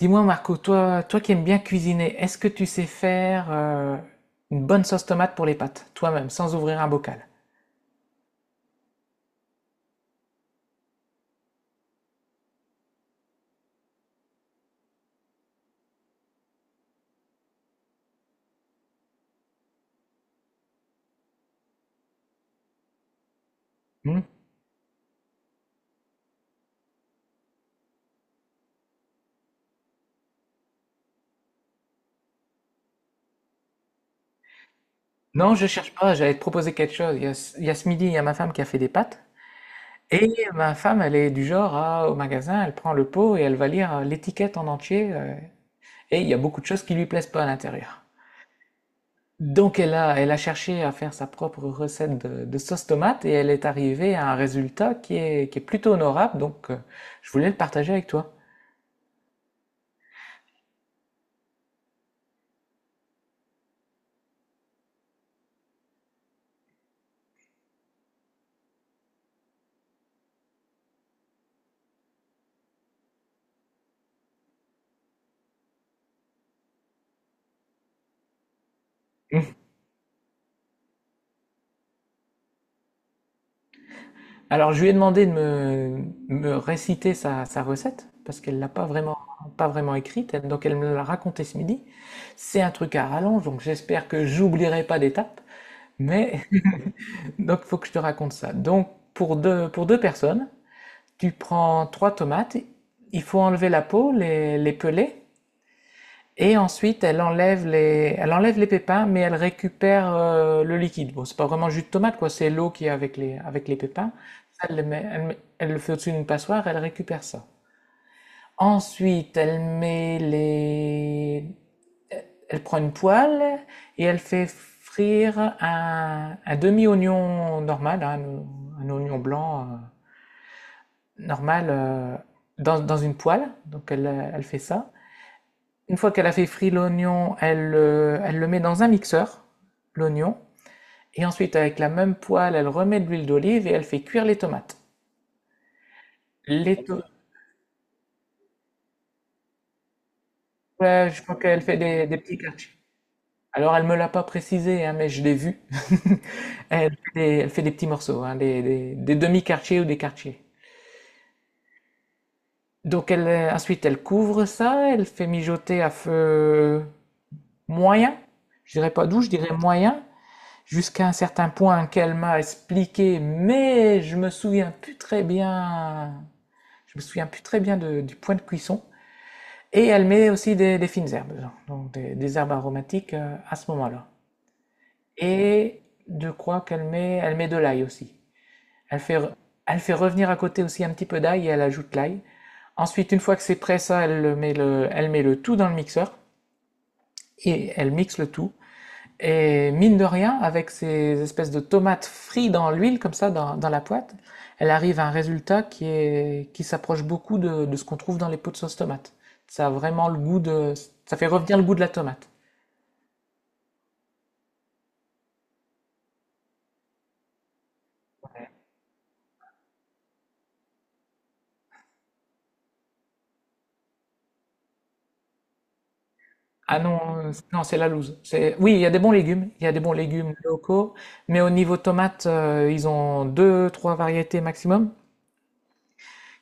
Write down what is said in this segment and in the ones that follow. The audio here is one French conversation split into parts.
Dis-moi Marco, toi, qui aimes bien cuisiner, est-ce que tu sais faire une bonne sauce tomate pour les pâtes, toi-même, sans ouvrir un bocal? Hmm. Non, je cherche pas, j'allais te proposer quelque chose. Il y a, ce il y a ce midi, il y a ma femme qui a fait des pâtes. Et ma femme, elle est du genre à, au magasin, elle prend le pot et elle va lire l'étiquette en entier. Et il y a beaucoup de choses qui lui plaisent pas à l'intérieur. Donc elle a, elle a cherché à faire sa propre recette de sauce tomate et elle est arrivée à un résultat qui est plutôt honorable. Donc je voulais le partager avec toi. Mhm. Alors je lui ai demandé de me, me réciter sa, sa recette parce qu'elle l'a pas vraiment, pas vraiment écrite. Donc elle me l'a racontée ce midi. C'est un truc à rallonge, donc j'espère que j'oublierai pas d'étape. Mais donc, il faut que je te raconte ça. Donc, pour deux personnes, tu prends trois tomates, il faut enlever la peau, les peler, et ensuite elle enlève les pépins, mais elle récupère le liquide. Bon, c'est pas vraiment jus de tomate, quoi, c'est l'eau qui est avec les pépins. Ça, elle, elle le fait au-dessus d'une passoire, elle récupère ça. Ensuite, elle met les, elle prend une poêle et elle fait frire un demi-oignon normal, hein, un oignon blanc. Normale dans, dans une poêle, donc elle, elle fait ça. Une fois qu'elle a fait frire l'oignon, elle, elle le met dans un mixeur, l'oignon, et ensuite avec la même poêle, elle remet de l'huile d'olive et elle fait cuire les tomates. Les to- ouais, je crois qu'elle fait des petits quartiers. Alors elle me l'a pas précisé, hein, mais je l'ai vu. Elle fait des petits morceaux, hein, des, des demi-quartiers ou des quartiers. Donc elle, ensuite elle couvre ça, elle fait mijoter à feu moyen, je dirais pas doux, je dirais moyen, jusqu'à un certain point qu'elle m'a expliqué, mais je me souviens plus très bien. Je me souviens plus très bien du point de cuisson. Et elle met aussi des fines herbes, donc des herbes aromatiques à ce moment-là. Et je crois qu'elle met, elle met de l'ail aussi. Elle fait, elle fait revenir à côté aussi un petit peu d'ail et elle ajoute l'ail. Ensuite, une fois que c'est prêt, ça, elle met le tout dans le mixeur et elle mixe le tout. Et mine de rien, avec ces espèces de tomates frites dans l'huile, comme ça, dans, dans la poêle, elle arrive à un résultat qui est, qui s'approche beaucoup de ce qu'on trouve dans les pots de sauce tomate. Ça a vraiment le goût de, ça fait revenir le goût de la tomate. Ah non, non, c'est la loose. C'est, oui, il y a des bons légumes, il y a des bons légumes locaux, mais au niveau tomate, ils ont deux, trois variétés maximum.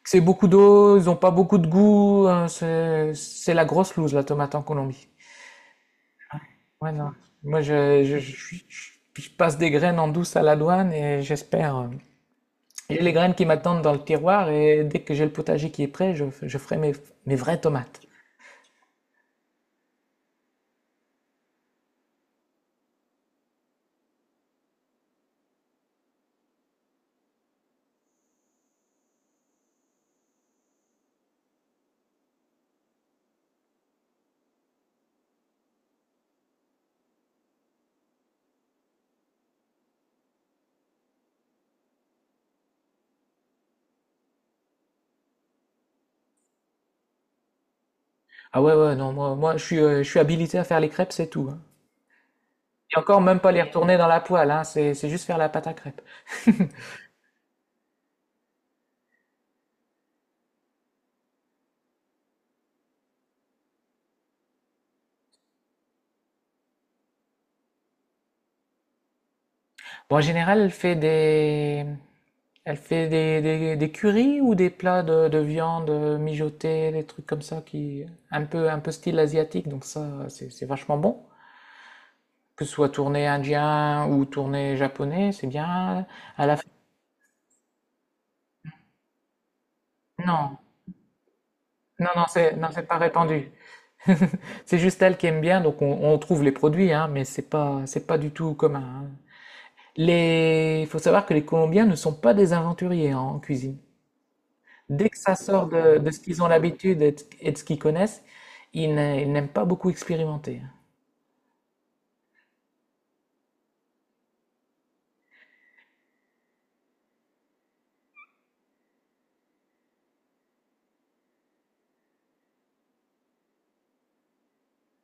C'est beaucoup d'eau, ils ont pas beaucoup de goût, hein, c'est la grosse loose, la tomate en Colombie. Ouais, non. Moi, je- je passe des graines en douce à la douane et j'espère. J'ai les graines qui m'attendent dans le tiroir et dès que j'ai le potager qui est prêt, je, je ferai mes, mes vraies tomates. Ah ouais, ouais, non, moi, moi je suis habilité à faire les crêpes, c'est tout, hein. Et encore, même pas les retourner dans la poêle, hein, c'est juste faire la pâte à crêpes. Bon, en général, elle fait des currys ou des plats de viande mijotée, des trucs comme ça qui, un peu style asiatique, donc ça, c'est vachement bon. Que ce soit tourné indien ou tourné japonais, c'est bien. À la fin- Non, non, non, c'est non, c'est pas répandu. C'est juste elle qui aime bien, donc on trouve les produits, hein, mais c'est pas du tout commun, hein. Les, il faut savoir que les Colombiens ne sont pas des aventuriers, hein, en cuisine. Dès que ça sort de ce qu'ils ont l'habitude et de ce qu'ils connaissent, ils n'aiment pas beaucoup expérimenter.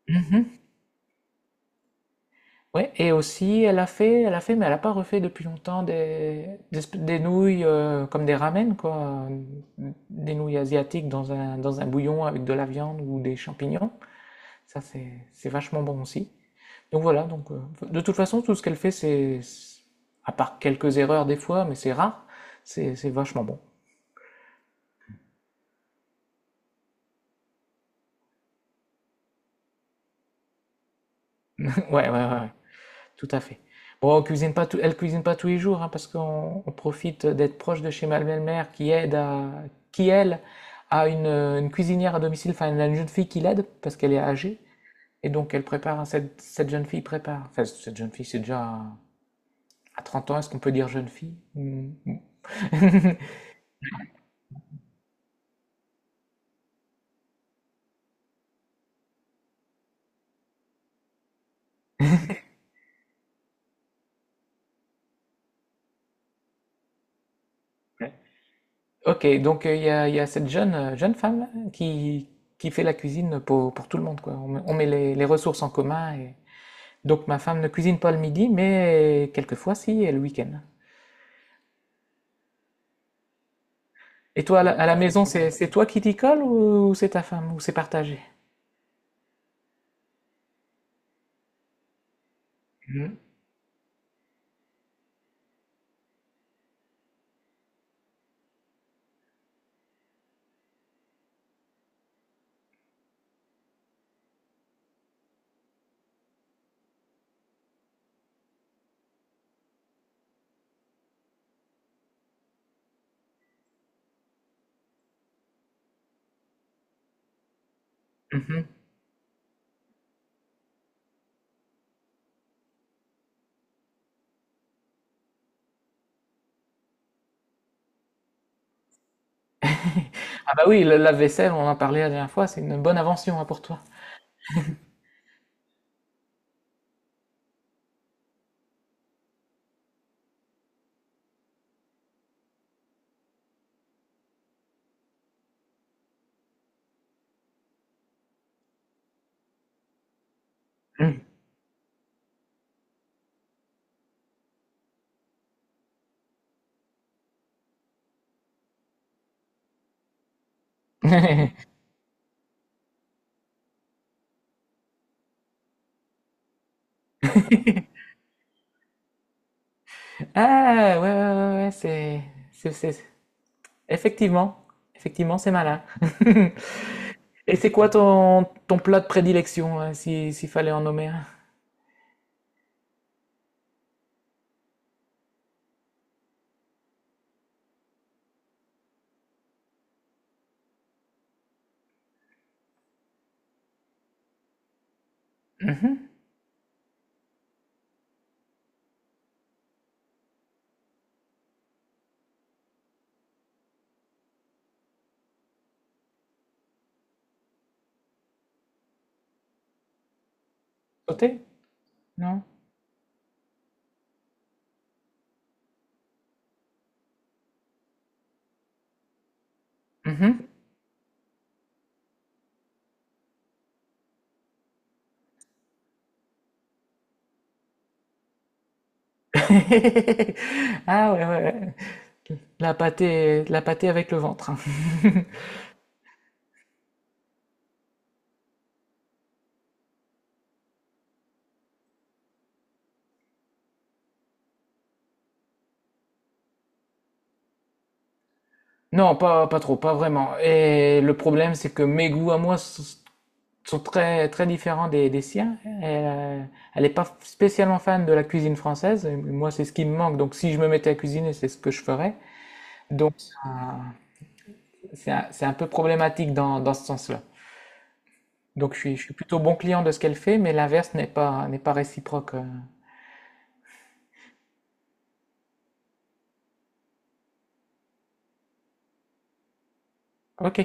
Mhm. Ouais, et aussi, elle a fait, mais elle a pas refait depuis longtemps des, des nouilles comme des ramen, quoi. Des nouilles asiatiques dans un bouillon avec de la viande ou des champignons. Ça, c'est vachement bon aussi. Donc voilà, donc, de toute façon, tout ce qu'elle fait, à part quelques erreurs des fois, mais c'est rare, c'est vachement bon. Ouais, ouais, ouais, ouais. Tout à fait. Bon, on cuisine pas tout- elle cuisine pas tous les jours, hein, parce qu'on on profite d'être proche de chez ma belle-mère qui aide à, qui elle a une cuisinière à domicile, enfin elle a une jeune fille qui l'aide parce qu'elle est âgée et donc elle prépare, hein, cette, cette jeune fille prépare. Enfin cette jeune fille c'est déjà à 30 ans, est-ce qu'on peut dire jeune fille? Hmm. Ok, donc il y a cette jeune, jeune femme qui fait la cuisine pour tout le monde, quoi. On met les ressources en commun et, donc ma femme ne cuisine pas le midi, mais quelquefois si, et le week-end. Et toi, à la maison, c'est toi qui t'y colle ou c'est ta femme, ou c'est partagé? Mhm. Mhm. Ah bah oui, le lave-vaisselle, on en a parlé la dernière fois, c'est une bonne invention, hein, pour toi. Mhm. Ah ouais, ouais, ouais, ouais, ouais, c'est, c'est, c'est- effectivement, effectivement, c'est malin. Et c'est quoi ton, ton plat de prédilection, hein, si, s'il fallait en nommer un? Mhm. Sauté? Non? Mhm. Ah ouais, ouais, ouais. La pâtée avec le ventre. Non, pas, pas trop, pas vraiment. Et le problème, c'est que mes goûts à moi sont très, très différents des siens. Elle, elle n'est pas spécialement fan de la cuisine française. Et moi, c'est ce qui me manque. Donc, si je me mettais à cuisiner, c'est ce que je ferais. Donc, c'est un, c'est un peu problématique dans, dans ce sens-là. Donc, je suis plutôt bon client de ce qu'elle fait, mais l'inverse n'est pas, n'est pas réciproque. Ok.